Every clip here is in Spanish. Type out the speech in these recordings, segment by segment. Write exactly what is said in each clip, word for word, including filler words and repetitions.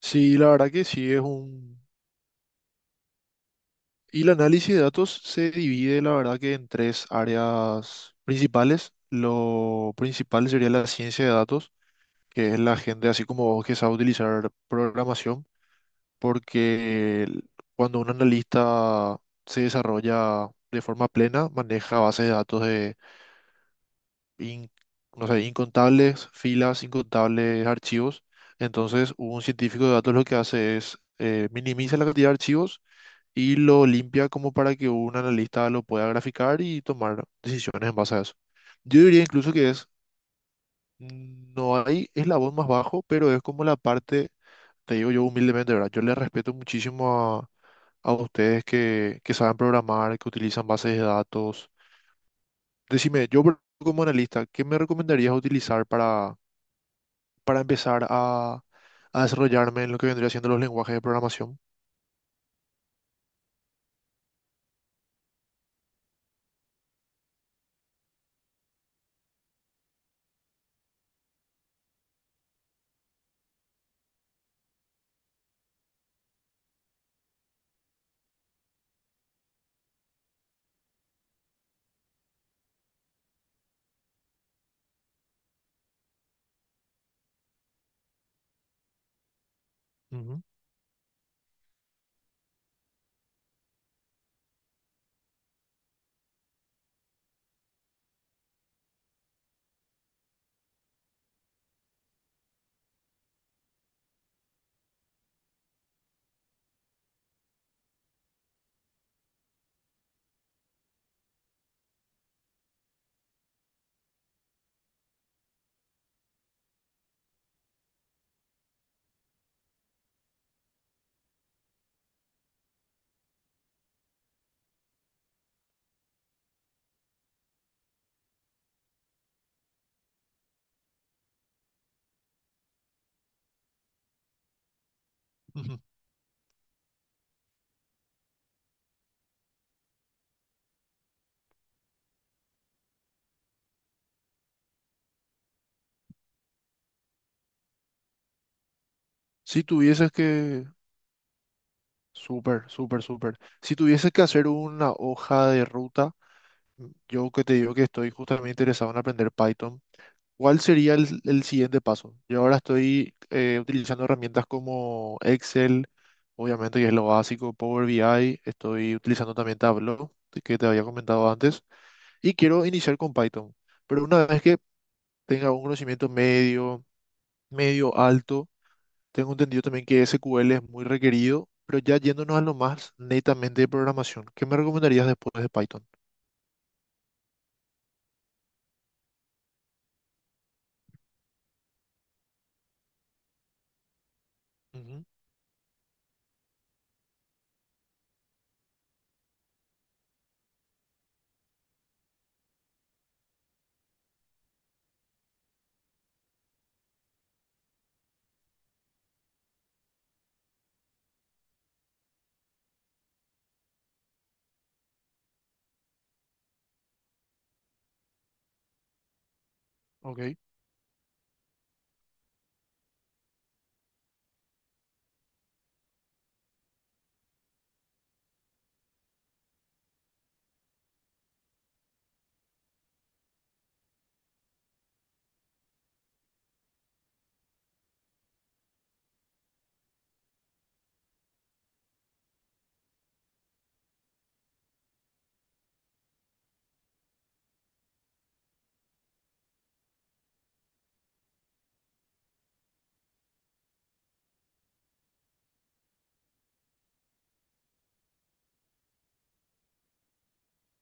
Sí, la verdad que sí es un... Y el análisis de datos se divide, la verdad que en tres áreas principales. Lo principal sería la ciencia de datos, que es la gente así como vos que sabe utilizar programación, porque el- cuando un analista se desarrolla de forma plena, maneja bases de datos de in- no sé, incontables filas, incontables archivos. Entonces, un científico de datos lo que hace es eh, minimiza la cantidad de archivos y lo limpia como para que un analista lo pueda graficar y tomar decisiones en base a eso. Yo diría incluso que es, no hay eslabón más bajo, pero es como la parte, te digo yo humildemente, ¿verdad? Yo le respeto muchísimo a, a ustedes que, que saben programar, que utilizan bases de datos. Decime, yo por- como analista, ¿qué me recomendarías utilizar para, para empezar a, a desarrollarme en lo que vendría siendo los lenguajes de programación? Ujú, ujú. Si tuvieses que, súper, súper, súper. Si tuvieses que hacer una hoja de ruta, yo que te digo que estoy justamente interesado en aprender Python, ¿cuál sería el, el siguiente paso? Yo ahora estoy eh, utilizando herramientas como Excel, obviamente que es lo básico, Power B I, estoy utilizando también Tableau, que te había comentado antes, y quiero iniciar con Python. Pero una vez que tenga un conocimiento medio, medio alto. Tengo entendido también que S Q L es muy requerido, pero ya yéndonos a lo más netamente de programación, ¿qué me recomendarías después de Python? Ujú, ok.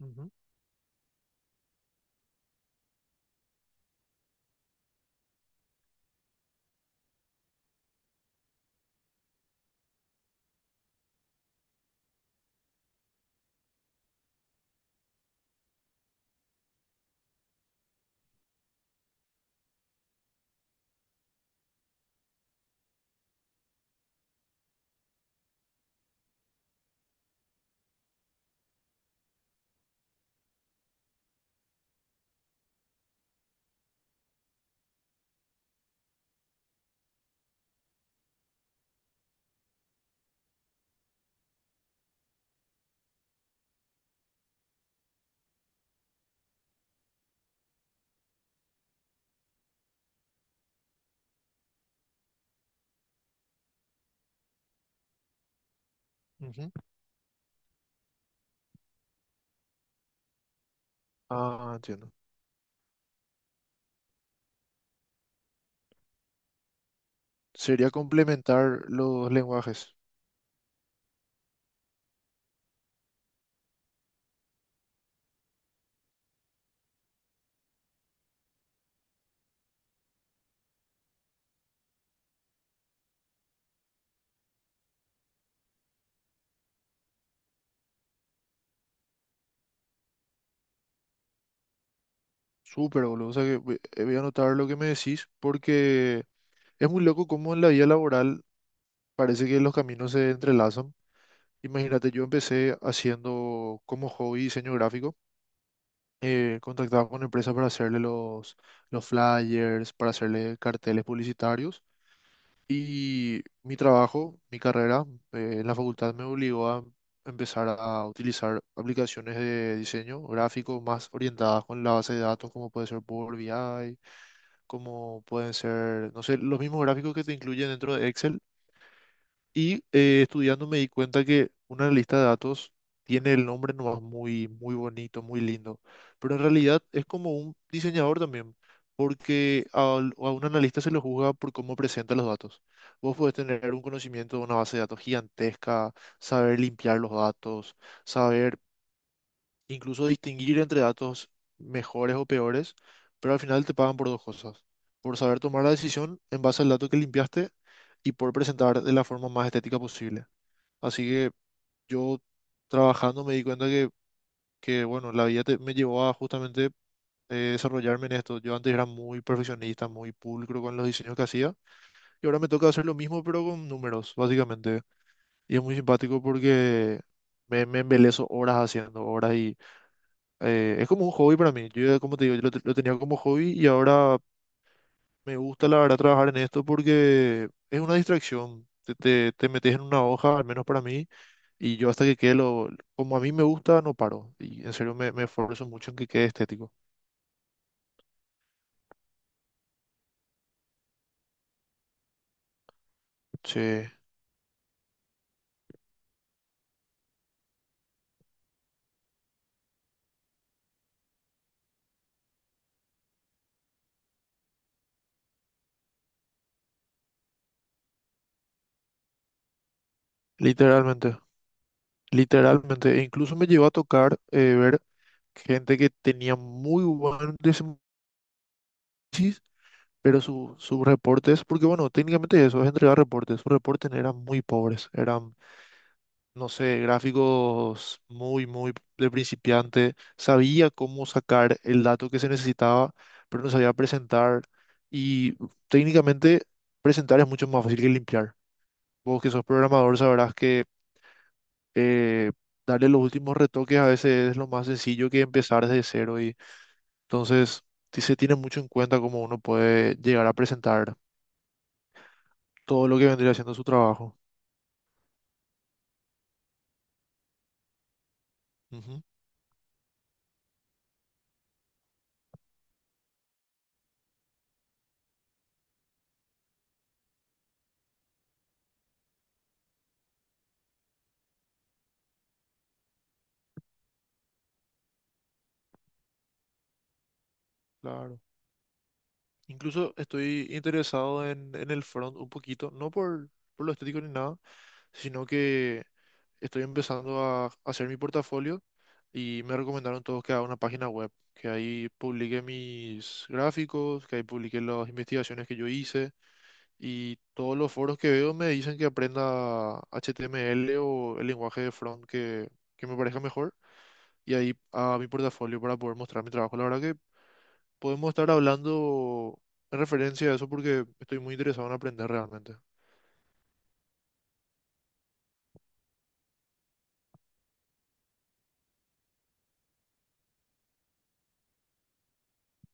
Ujú, ujú. Ah, entiendo. Sería complementar los lenguajes. Súper, boludo. O sea que voy eh, voy a anotar lo que me decís porque es muy loco cómo en la vida laboral parece que los caminos se entrelazan. Imagínate, yo empecé haciendo como hobby diseño gráfico, eh, contactaba con empresas para hacerle los, los flyers, para hacerle carteles publicitarios. Y mi trabajo, mi carrera, eh, en la facultad me obligó a empezar a utilizar aplicaciones de diseño gráfico más orientadas con la base de datos, como puede ser Power B I, como pueden ser, no sé, los mismos gráficos que te incluyen dentro de Excel, y eh, estudiando me di cuenta que una lista de datos tiene el nombre nomás muy, muy bonito, muy lindo, pero en realidad es como un diseñador también, porque al- a, un analista se lo juzga por cómo presenta los datos. Vos podés tener un conocimiento de una base de datos gigantesca, saber limpiar los datos, saber incluso distinguir entre datos mejores o peores, pero al final te pagan por dos cosas, por saber tomar la decisión en base al dato que limpiaste y por presentar de la forma más estética posible. Así que yo trabajando me di cuenta que, que bueno, la vida te- me llevó a justamente, eh, desarrollarme en esto. Yo antes era muy perfeccionista, muy pulcro con los diseños que hacía y ahora me toca hacer lo mismo pero con números, básicamente. Y es muy simpático porque me, me embeleso horas haciendo horas y, eh, es como un hobby para mí. Yo, ya, como te digo, yo lo, te- lo tenía como hobby y ahora me gusta la verdad trabajar en esto porque es una distracción. Te, te, te metes en una hoja, al menos para mí, y yo hasta que quede lo, como a mí me gusta, no paro. Y en serio me, me esfuerzo mucho en que quede estético. Sí, literalmente, literalmente. E incluso me llevó a tocar eh, ver gente que tenía muy buen desempeño, pero su- sus reportes, porque bueno, técnicamente eso es entregar reportes. Sus reportes eran muy pobres, eran, no sé, gráficos muy, muy de principiante. Sabía cómo sacar el dato que se necesitaba, pero no sabía presentar. Y técnicamente presentar es mucho más fácil que limpiar. Vos que sos programador sabrás que, eh, darle los últimos retoques a veces es lo más sencillo que empezar desde cero. Y entonces sí se tiene mucho en cuenta cómo uno puede llegar a presentar todo lo que vendría haciendo su trabajo. Ujú, claro. Incluso estoy interesado en, en el front un poquito, no por, por lo estético ni nada, sino que estoy empezando a hacer mi portafolio y me recomendaron todos que haga una página web, que ahí publique mis gráficos, que ahí publique las investigaciones que yo hice, y todos los foros que veo me dicen que aprenda H T M L o el lenguaje de front que, que me parezca mejor y ahí a mi portafolio para poder mostrar mi trabajo. La verdad, podemos estar hablando en referencia a eso porque estoy muy interesado en aprender realmente.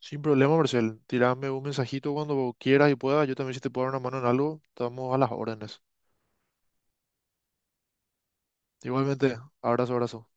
Sin problema, Marcel. Tirame un mensajito cuando quieras y puedas. Yo también, si te puedo dar una mano en algo, estamos a las órdenes. Igualmente, abrazo, abrazo.